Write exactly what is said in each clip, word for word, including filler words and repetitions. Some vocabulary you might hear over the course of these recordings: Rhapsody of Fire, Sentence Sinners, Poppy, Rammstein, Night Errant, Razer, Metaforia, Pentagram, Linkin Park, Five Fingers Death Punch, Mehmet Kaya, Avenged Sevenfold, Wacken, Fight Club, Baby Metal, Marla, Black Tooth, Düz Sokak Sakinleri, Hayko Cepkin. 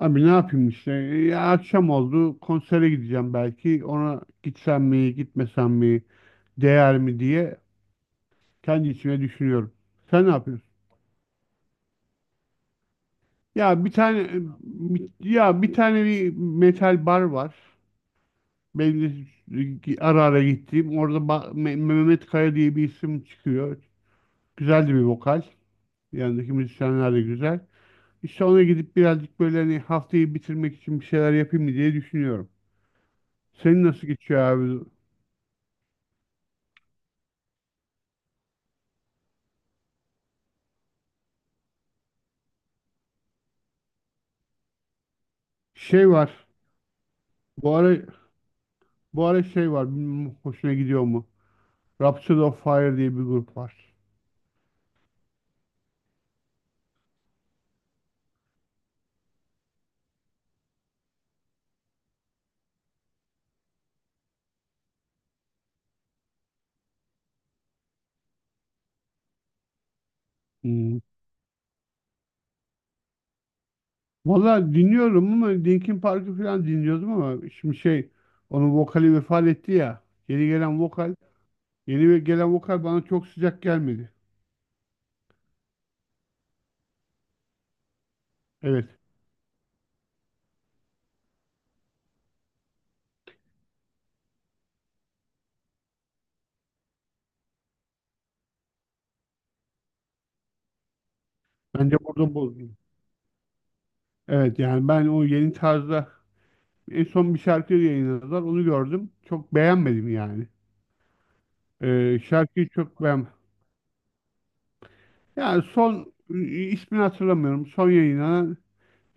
Abi ne yapayım işte? Ya akşam oldu. Konsere gideceğim belki. Ona gitsem mi, gitmesem mi, değer mi diye kendi içime düşünüyorum. Sen ne yapıyorsun? Ya bir tane bir- ya bir tane bir metal bar var. Benim de ara ara gittiğim. Orada ba- Me- Mehmet Kaya diye bir isim çıkıyor. Güzel de bir vokal. Yanındaki müzisyenler de güzel. İşte ona gidip birazcık böyle hani haftayı bitirmek için bir şeyler yapayım mı diye düşünüyorum. Senin nasıl geçiyor abi? Şey var. Bu ara Bu ara şey var. Bilmiyorum hoşuna gidiyor mu? Rhapsody of Fire diye bir grup var. Hmm. Valla dinliyorum ama Linkin Park'ı falan dinliyordum ama şimdi şey onun vokali vefat etti ya. Yeni gelen vokal, yeni ve- gelen vokal bana çok sıcak gelmedi. Evet. Bence burada bozdu. Evet yani ben o yeni tarzda en son bir şarkı yayınladılar. Onu gördüm. Çok beğenmedim yani. Ee, şarkıyı çok beğenmedim. Yani son ismini hatırlamıyorum. Son yayınlanan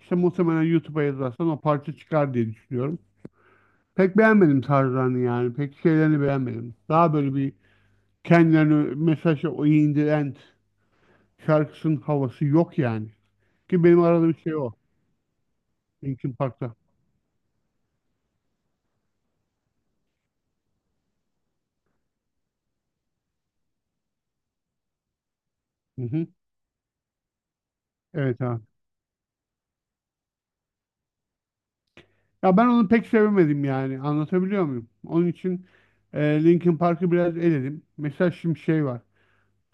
İşte muhtemelen YouTube'a yazarsan o parça çıkar diye düşünüyorum. Pek beğenmedim tarzlarını yani. Pek şeylerini beğenmedim. Daha böyle bir kendilerini mesajı o in the end şarkısının havası yok yani. Ki benim aradığım şey o. Linkin Park'ta. Hı hı. Evet abi. Ya ben onu pek sevemedim yani. Anlatabiliyor muyum? Onun için e, Linkin Park'ı biraz eledim. Mesela şimdi şey var.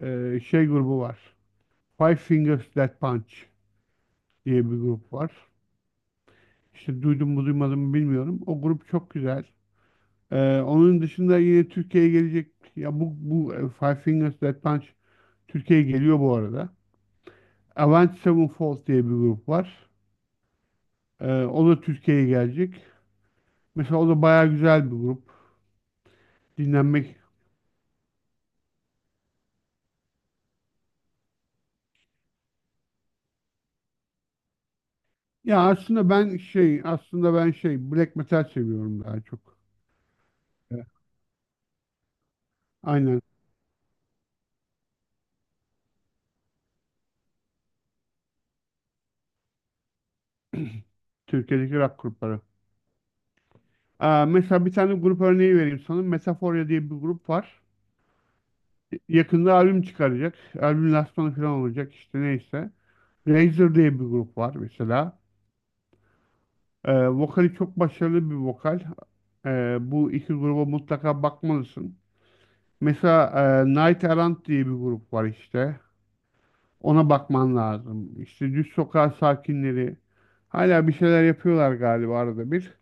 E, şey grubu var. Five Fingers Death Punch diye bir grup var. İşte duydum mu duymadım mı bilmiyorum. O grup çok güzel. Ee, onun dışında yine Türkiye'ye gelecek ya bu bu e, Five Fingers Death Punch Türkiye'ye geliyor bu arada. Avenged Sevenfold diye bir grup var. Ee, o da Türkiye'ye gelecek. Mesela o da bayağı güzel bir grup. Dinlenmek. Ya aslında ben şey aslında ben şey black metal seviyorum daha çok. Evet. Aynen Türkiye'deki rock grupları. Aa, mesela bir tane grup örneği vereyim sana. Metaforia diye bir grup var. Yakında albüm çıkaracak. Albüm lansmanı falan olacak işte neyse. Razer diye bir grup var mesela. Ee, vokali çok başarılı bir vokal. Ee, bu iki gruba mutlaka bakmalısın. Mesela e, Night Errant diye bir grup var işte. Ona bakman lazım. İşte Düz Sokak Sakinleri. Hala bir şeyler yapıyorlar galiba arada bir.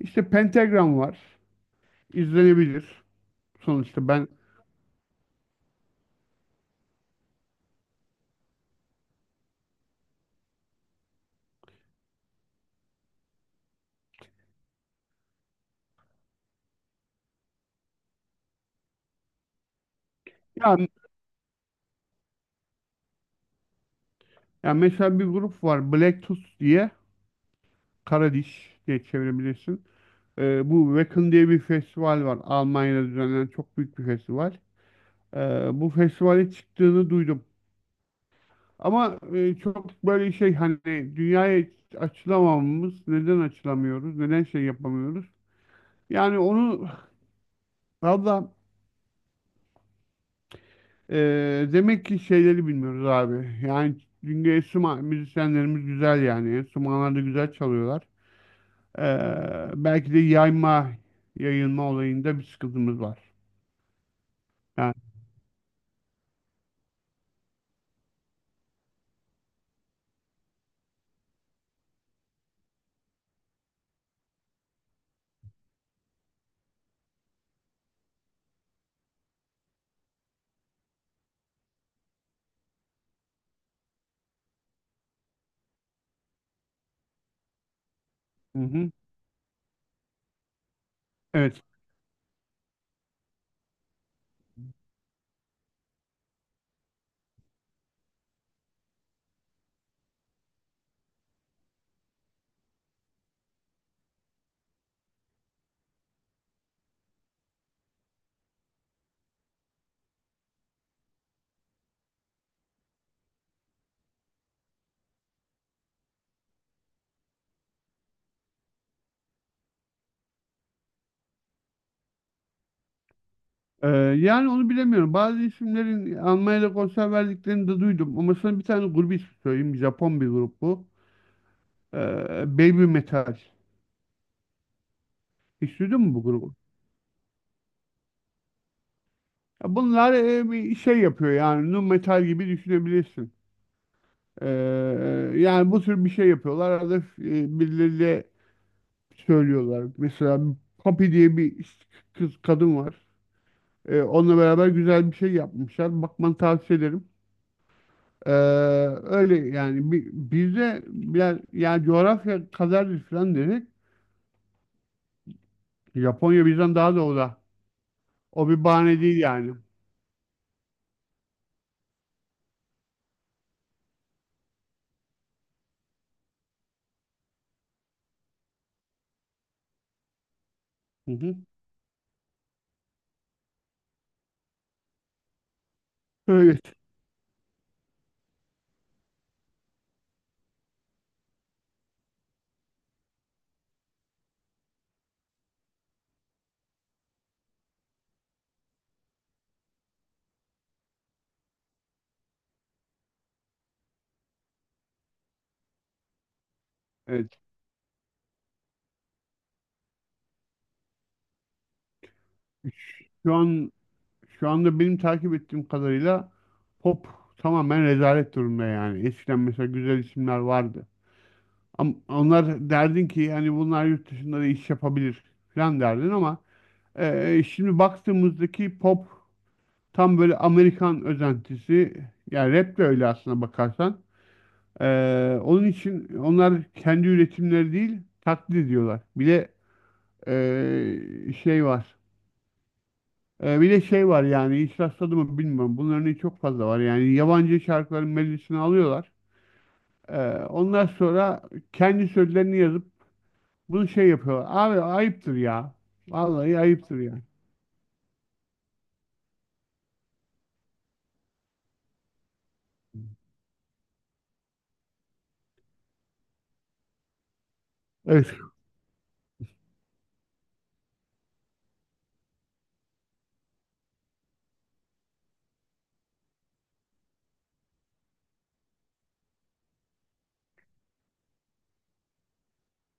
İşte Pentagram var. İzlenebilir. Sonuçta ben ya, ya mesela bir grup var Black Tooth diye. Karadiş diye çevirebilirsin. Ee, bu Wacken diye bir festival var. Almanya'da düzenlenen çok büyük bir festival. Ee, Bu festivale çıktığını duydum. Ama e, çok böyle şey hani dünyaya açılamamamız, neden açılamıyoruz, neden şey yapamıyoruz? Yani onu valla e, demek ki şeyleri bilmiyoruz abi. Yani çünkü enstrüman müzisyenlerimiz güzel yani. Enstrümanlar da güzel çalıyorlar. Ee, belki de yayma, yayılma olayında bir sıkıntımız var. Yani, hı hı. Evet. Ee, Yani onu bilemiyorum. Bazı isimlerin Almanya'da konser verdiklerini de duydum. Ama sana bir tane grubu ismi söyleyeyim. Japon bir grup bu. Ee, Baby Metal. Hiç duydun mu bu grubu? Ya bunlar e, bir şey yapıyor yani. Nu metal gibi düşünebilirsin. Ee, Yani bu tür bir şey yapıyorlar. Arada e, birileriyle söylüyorlar. Mesela Poppy diye bir kız kadın var. Ee, onunla beraber güzel bir şey yapmışlar. Bakmanı tavsiye ederim. Ee, Öyle yani bi- bizde biraz yani coğrafya kadardır falan dedik. Japonya bizden daha doğuda. O bir bahane değil yani. Hı hı. Evet. Evet. Şu an Şu anda benim takip ettiğim kadarıyla pop tamamen rezalet durumda yani. Eskiden mesela güzel isimler vardı. Ama onlar derdin ki hani bunlar yurt dışında da iş yapabilir falan derdin ama e, e, şimdi baktığımızdaki pop tam böyle Amerikan özentisi. Yani rap de öyle aslına bakarsan. Ee, onun için onlar kendi üretimleri değil taklit ediyorlar. Bir de ee, şey var. Ee, bir de şey var yani hiç rastladı mı bilmiyorum. Bunların örneği çok fazla var. Yani yabancı şarkıların melodisini alıyorlar. Ee, Ondan sonra kendi sözlerini yazıp bunu şey yapıyorlar. Abi ayıptır ya. Vallahi ayıptır yani. Evet.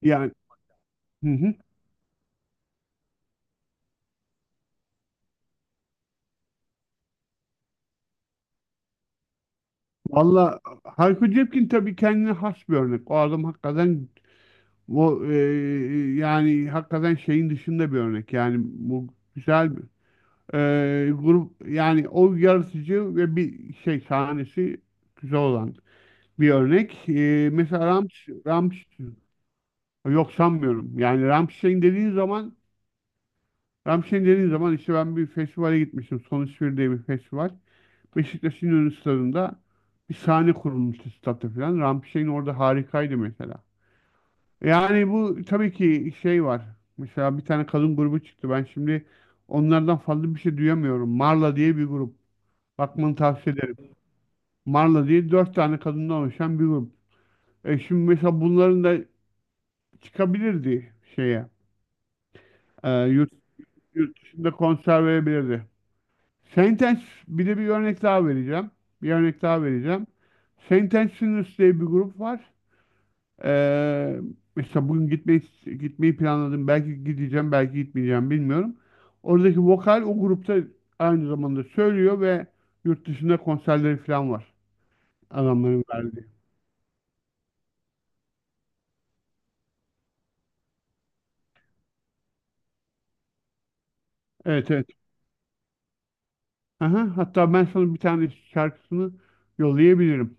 Yani hı hı. Valla Hayko Cepkin tabii kendine has bir örnek. O adam hakikaten bu e, yani hakikaten şeyin dışında bir örnek. Yani bu güzel bir e, grup yani o yaratıcı ve bir şey sahnesi güzel olan bir örnek. E, mesela Ramş, Ramş yok sanmıyorum. Yani Rammstein dediğin zaman Rammstein dediğin zaman işte ben bir festivale gitmiştim. Sonuç bir diye bir festival. Beşiktaş'ın ünlü stadında bir sahne kurulmuştu statta falan. Rammstein orada harikaydı mesela. Yani bu tabii ki şey var. Mesela bir tane kadın grubu çıktı. Ben şimdi onlardan fazla bir şey duyamıyorum. Marla diye bir grup. Bakmanı tavsiye ederim. Marla diye dört tane kadından oluşan bir grup. E şimdi mesela bunların da çıkabilirdi şeye. E, yurt, Yurt dışında konser verebilirdi. Sentence Bir de bir örnek daha vereceğim. Bir örnek daha vereceğim. Sentence Sinners diye bir grup var. Ee, Mesela bugün gitmeyi gitmeyi planladım. Belki gideceğim, belki gitmeyeceğim bilmiyorum. Oradaki vokal o grupta aynı zamanda söylüyor ve yurt dışında konserleri falan var. Adamların verdiği. Evet, evet. Aha, hatta ben sana bir tane şarkısını yollayabilirim.